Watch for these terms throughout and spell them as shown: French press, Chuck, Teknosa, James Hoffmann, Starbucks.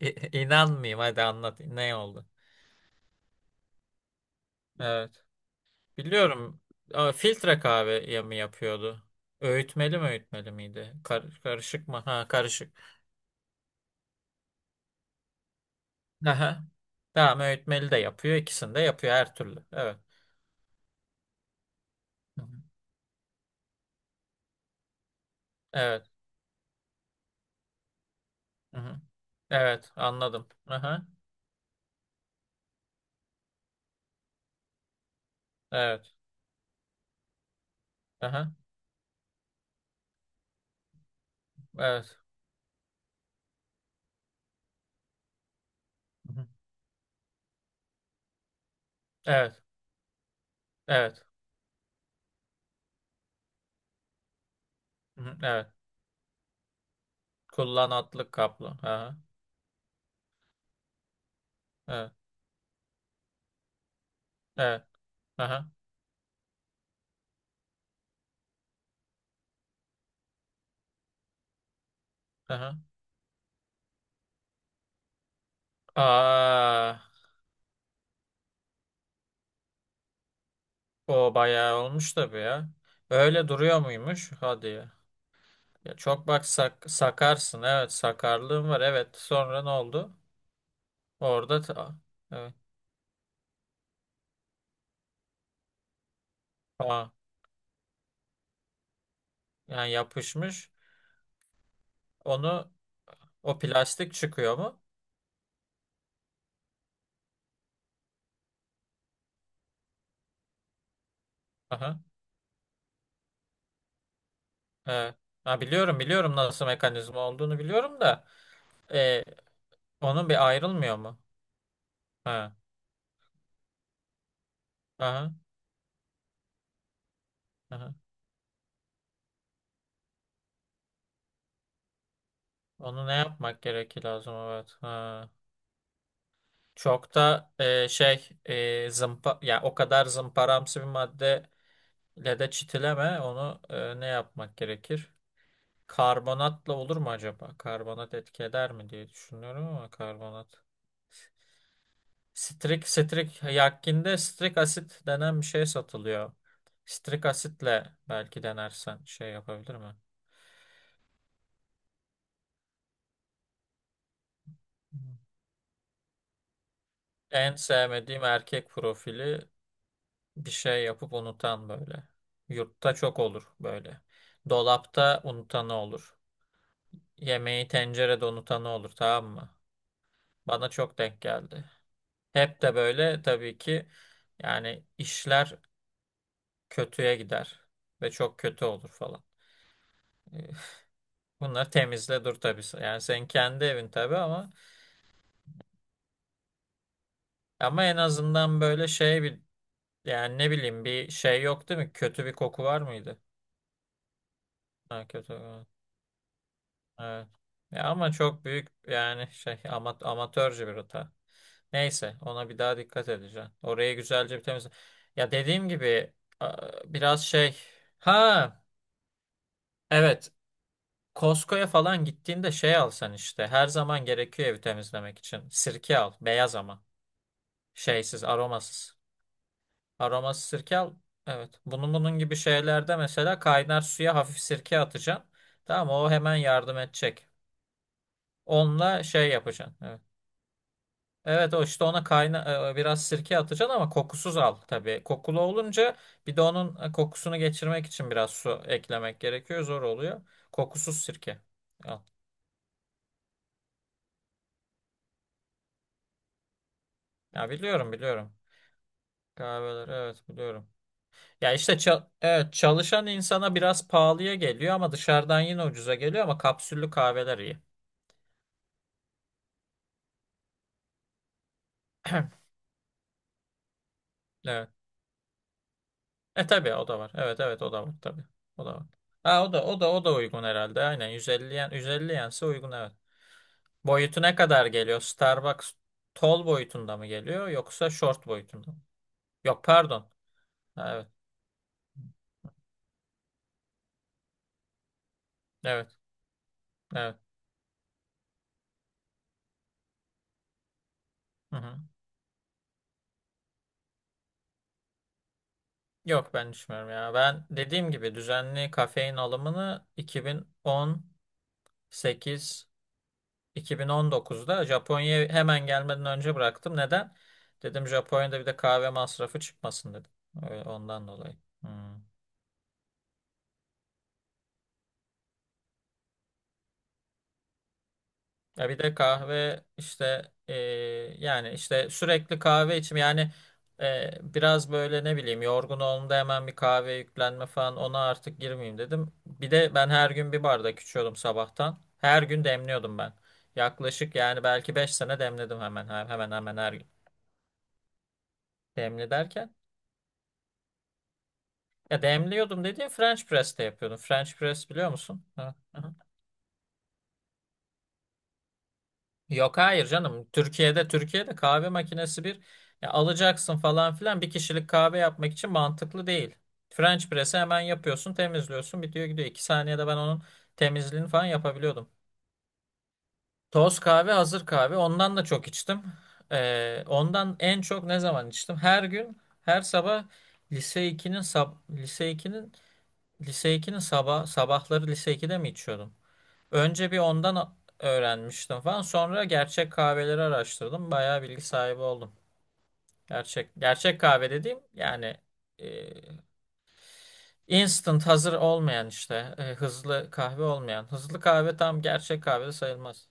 İnanmayayım, hadi anlat, ne oldu? Evet. Biliyorum. Ama filtre kahve ya mı yapıyordu? Öğütmeli mi, öğütmeli miydi? Karışık mı? Ha, karışık. Aha. Tamam, öğütmeli de yapıyor. İkisini de yapıyor, her türlü. Evet. Hı hı. Evet. Hı hı. Evet, anladım. Aha. Evet. Aha. Evet. Hı hı. Evet. Evet. Hı hı. Evet. Kullanatlık kaplı. Aha. Evet. Evet. Aha. Aha. Aa. O bayağı olmuş tabii ya. Öyle duruyor muymuş? Hadi ya. Ya çok bak, sakarsın. Evet, sakarlığın var. Evet. Sonra ne oldu? Orada evet. Aa, yani yapışmış. Onu, o plastik çıkıyor mu? Aha. Evet. Ha, biliyorum, biliyorum nasıl mekanizma olduğunu biliyorum da e, onun bir ayrılmıyor mu? Ha. Aha. Aha. Onu ne yapmak gerekir, lazım, evet. Ha. Çok da şey, zımpa ya, o kadar zımparamsı bir maddeyle de çitileme onu, ne yapmak gerekir? Karbonatla olur mu acaba? Karbonat etki eder mi diye düşünüyorum, ama karbonat. Strik yakkinde strik asit denen bir şey satılıyor. Strik asitle belki denersen şey yapabilir mi? Hı. En sevmediğim erkek profili, bir şey yapıp unutan böyle. Yurtta çok olur böyle. Dolapta unutanı olur. Yemeği tencerede unutanı olur, tamam mı? Bana çok denk geldi. Hep de böyle, tabii ki yani işler kötüye gider ve çok kötü olur falan. Bunları temizle dur tabii. Yani senin kendi evin tabii, ama en azından böyle şey bir, yani ne bileyim, bir şey yok değil mi? Kötü bir koku var mıydı? Ha, kötü. Evet. Ya ama çok büyük yani şey ama, amatörce bir hata. Neyse, ona bir daha dikkat edeceğim. Orayı güzelce bir temizle. Ya dediğim gibi, a- biraz şey. Ha, evet, Costco'ya falan gittiğinde şey alsan, işte her zaman gerekiyor evi temizlemek için. Sirke al, beyaz ama şeysiz, aromasız. Aromasız sirke al. Evet, bunun gibi şeylerde mesela kaynar suya hafif sirke atacaksın. Tamam, o hemen yardım edecek. Onunla şey yapacaksın. Evet. Evet, o işte ona biraz sirke atacaksın, ama kokusuz al tabii. Kokulu olunca bir de onun kokusunu geçirmek için biraz su eklemek gerekiyor. Zor oluyor. Kokusuz sirke al. Ya biliyorum, biliyorum. Kahveler, evet, biliyorum. Ya işte evet, çalışan insana biraz pahalıya geliyor ama dışarıdan yine ucuza geliyor, ama kapsüllü kahveler iyi. Evet. E tabii, o da var. Evet, evet, o da var tabii. O da var. Ha, o da, o da, o da uygun herhalde. Aynen, 150 yen, 150 yense uygun, evet. Boyutu ne kadar geliyor? Starbucks tall boyutunda mı geliyor, yoksa short boyutunda mı? Yok, pardon. Ha, evet. Evet. Evet. Hı hı. Yok, ben düşünmüyorum ya. Ben dediğim gibi düzenli kafein alımını 2018, 2019'da, Japonya'ya hemen gelmeden önce bıraktım. Neden? Dedim Japonya'da bir de kahve masrafı çıkmasın dedim. Öyle, ondan dolayı. Hı. Ya bir de kahve işte, yani işte sürekli kahve içim yani, biraz böyle ne bileyim, yorgun olduğumda hemen bir kahve yüklenme falan, ona artık girmeyeyim dedim. Bir de ben her gün bir bardak içiyordum sabahtan. Her gün demliyordum ben. Yaklaşık yani belki 5 sene demledim, hemen hemen her gün. Demli derken, ya demliyordum dediğim French press'te yapıyordum. French press biliyor musun? Ha. Yok, hayır canım. Türkiye'de kahve makinesi bir ya alacaksın falan filan, bir kişilik kahve yapmak için mantıklı değil. French press'i hemen yapıyorsun, temizliyorsun, bitiyor gidiyor. İki saniyede ben onun temizliğini falan yapabiliyordum. Toz kahve, hazır kahve. Ondan da çok içtim. Ondan en çok ne zaman içtim? Her gün, her sabah lise iki'nin sab lise iki'nin lise iki'nin sabah sabahları lise iki'de mi içiyordum? Önce bir ondan öğrenmiştim falan. Sonra gerçek kahveleri araştırdım. Bayağı bilgi sahibi oldum. Gerçek gerçek kahve dediğim yani, e, instant hazır olmayan işte, hızlı kahve olmayan. Hızlı kahve tam gerçek kahve de sayılmaz.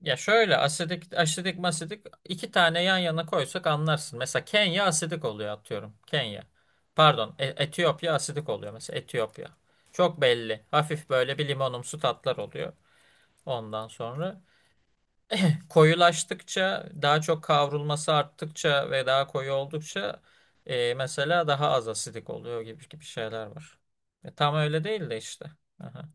Ya şöyle, asidik, masidik iki tane yan yana koysak anlarsın. Mesela Kenya asidik oluyor atıyorum. Kenya. Pardon, Etiyopya asidik oluyor, mesela Etiyopya. Çok belli. Hafif böyle bir limonumsu tatlar oluyor. Ondan sonra koyulaştıkça, daha çok kavrulması arttıkça ve daha koyu oldukça, mesela daha az asidik oluyor gibi gibi şeyler var. E, tam öyle değil de işte. Aha.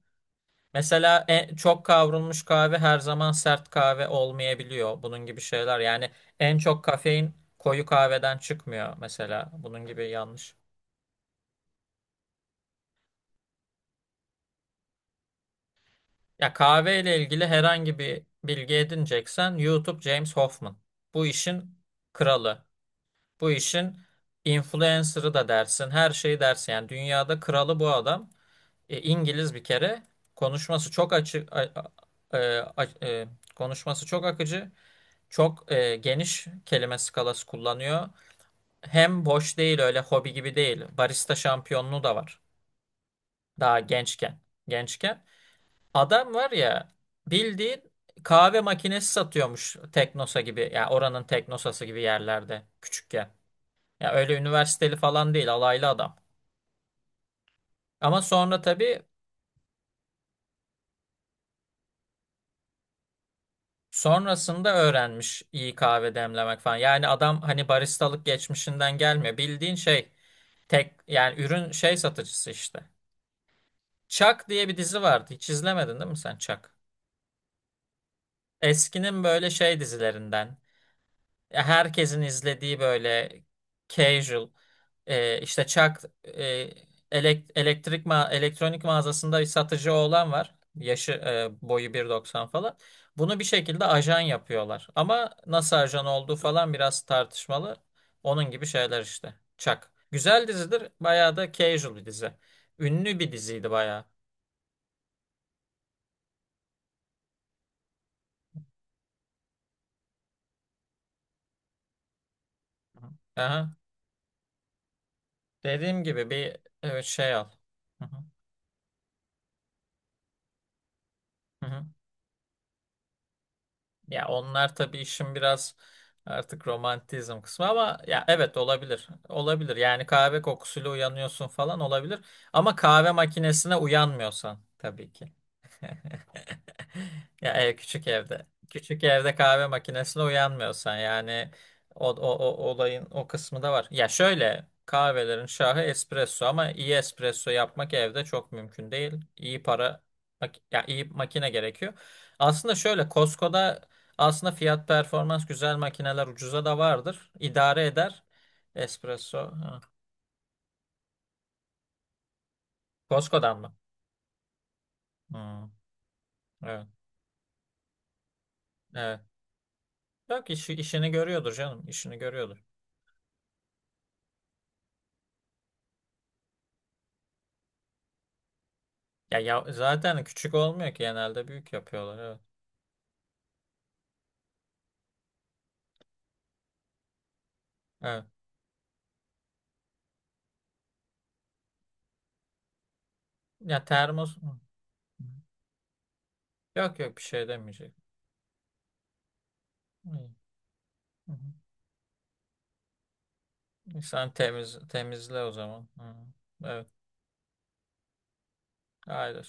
Mesela çok kavrulmuş kahve her zaman sert kahve olmayabiliyor. Bunun gibi şeyler. Yani en çok kafein koyu kahveden çıkmıyor mesela. Bunun gibi yanlış. Ya kahve ile ilgili herhangi bir bilgi edineceksen, YouTube, James Hoffman. Bu işin kralı. Bu işin influencer'ı da dersin, her şeyi dersin. Yani dünyada kralı bu adam. E, İngiliz bir kere. Konuşması çok açık, a- e, a- e, konuşması çok akıcı. Çok geniş kelime skalası kullanıyor. Hem boş değil, öyle hobi gibi değil. Barista şampiyonluğu da var. Daha gençken. Gençken. Adam var ya, bildiğin kahve makinesi satıyormuş, Teknosa gibi. Yani oranın Teknosası gibi yerlerde küçükken. Ya öyle üniversiteli falan değil, alaylı adam. Ama sonra tabii sonrasında öğrenmiş iyi kahve demlemek falan. Yani adam hani baristalık geçmişinden gelmiyor. Bildiğin şey, tek yani ürün şey satıcısı işte. Chuck diye bir dizi vardı. Hiç izlemedin değil mi sen Chuck? Eskinin böyle şey dizilerinden. Ya herkesin izlediği böyle casual, işte Çak, elektrik ma elektronik mağazasında bir satıcı oğlan var. Yaşı, boyu 1.90 falan. Bunu bir şekilde ajan yapıyorlar. Ama nasıl ajan olduğu falan biraz tartışmalı. Onun gibi şeyler işte. Çak. Güzel dizidir. Bayağı da casual bir dizi. Ünlü bir diziydi bayağı. Aha. Dediğim gibi bir, evet, şey al. Hı hı. Hı hı. Ya onlar tabii işin biraz artık romantizm kısmı, ama ya, evet, olabilir. Olabilir. Yani kahve kokusuyla uyanıyorsun falan, olabilir. Ama kahve makinesine uyanmıyorsan tabii ki. Ya küçük evde. Küçük evde kahve makinesine uyanmıyorsan yani, o olayın o kısmı da var. Ya şöyle, kahvelerin şahı espresso, ama iyi espresso yapmak evde çok mümkün değil. İyi para ya iyi makine gerekiyor. Aslında şöyle, Costco'da aslında fiyat performans güzel makineler ucuza da vardır. İdare eder. Espresso. Ha. Costco'dan mı? Hmm, evet. Evet. Yok, işini görüyordur canım. İşini görüyordur. Ya, zaten küçük olmuyor ki, genelde büyük yapıyorlar. Evet. Evet. Ya termos, yok yok, bir şey demeyecek. Hı. Hı. Hı. Sen temizle o zaman. Hı. Evet. Haydi.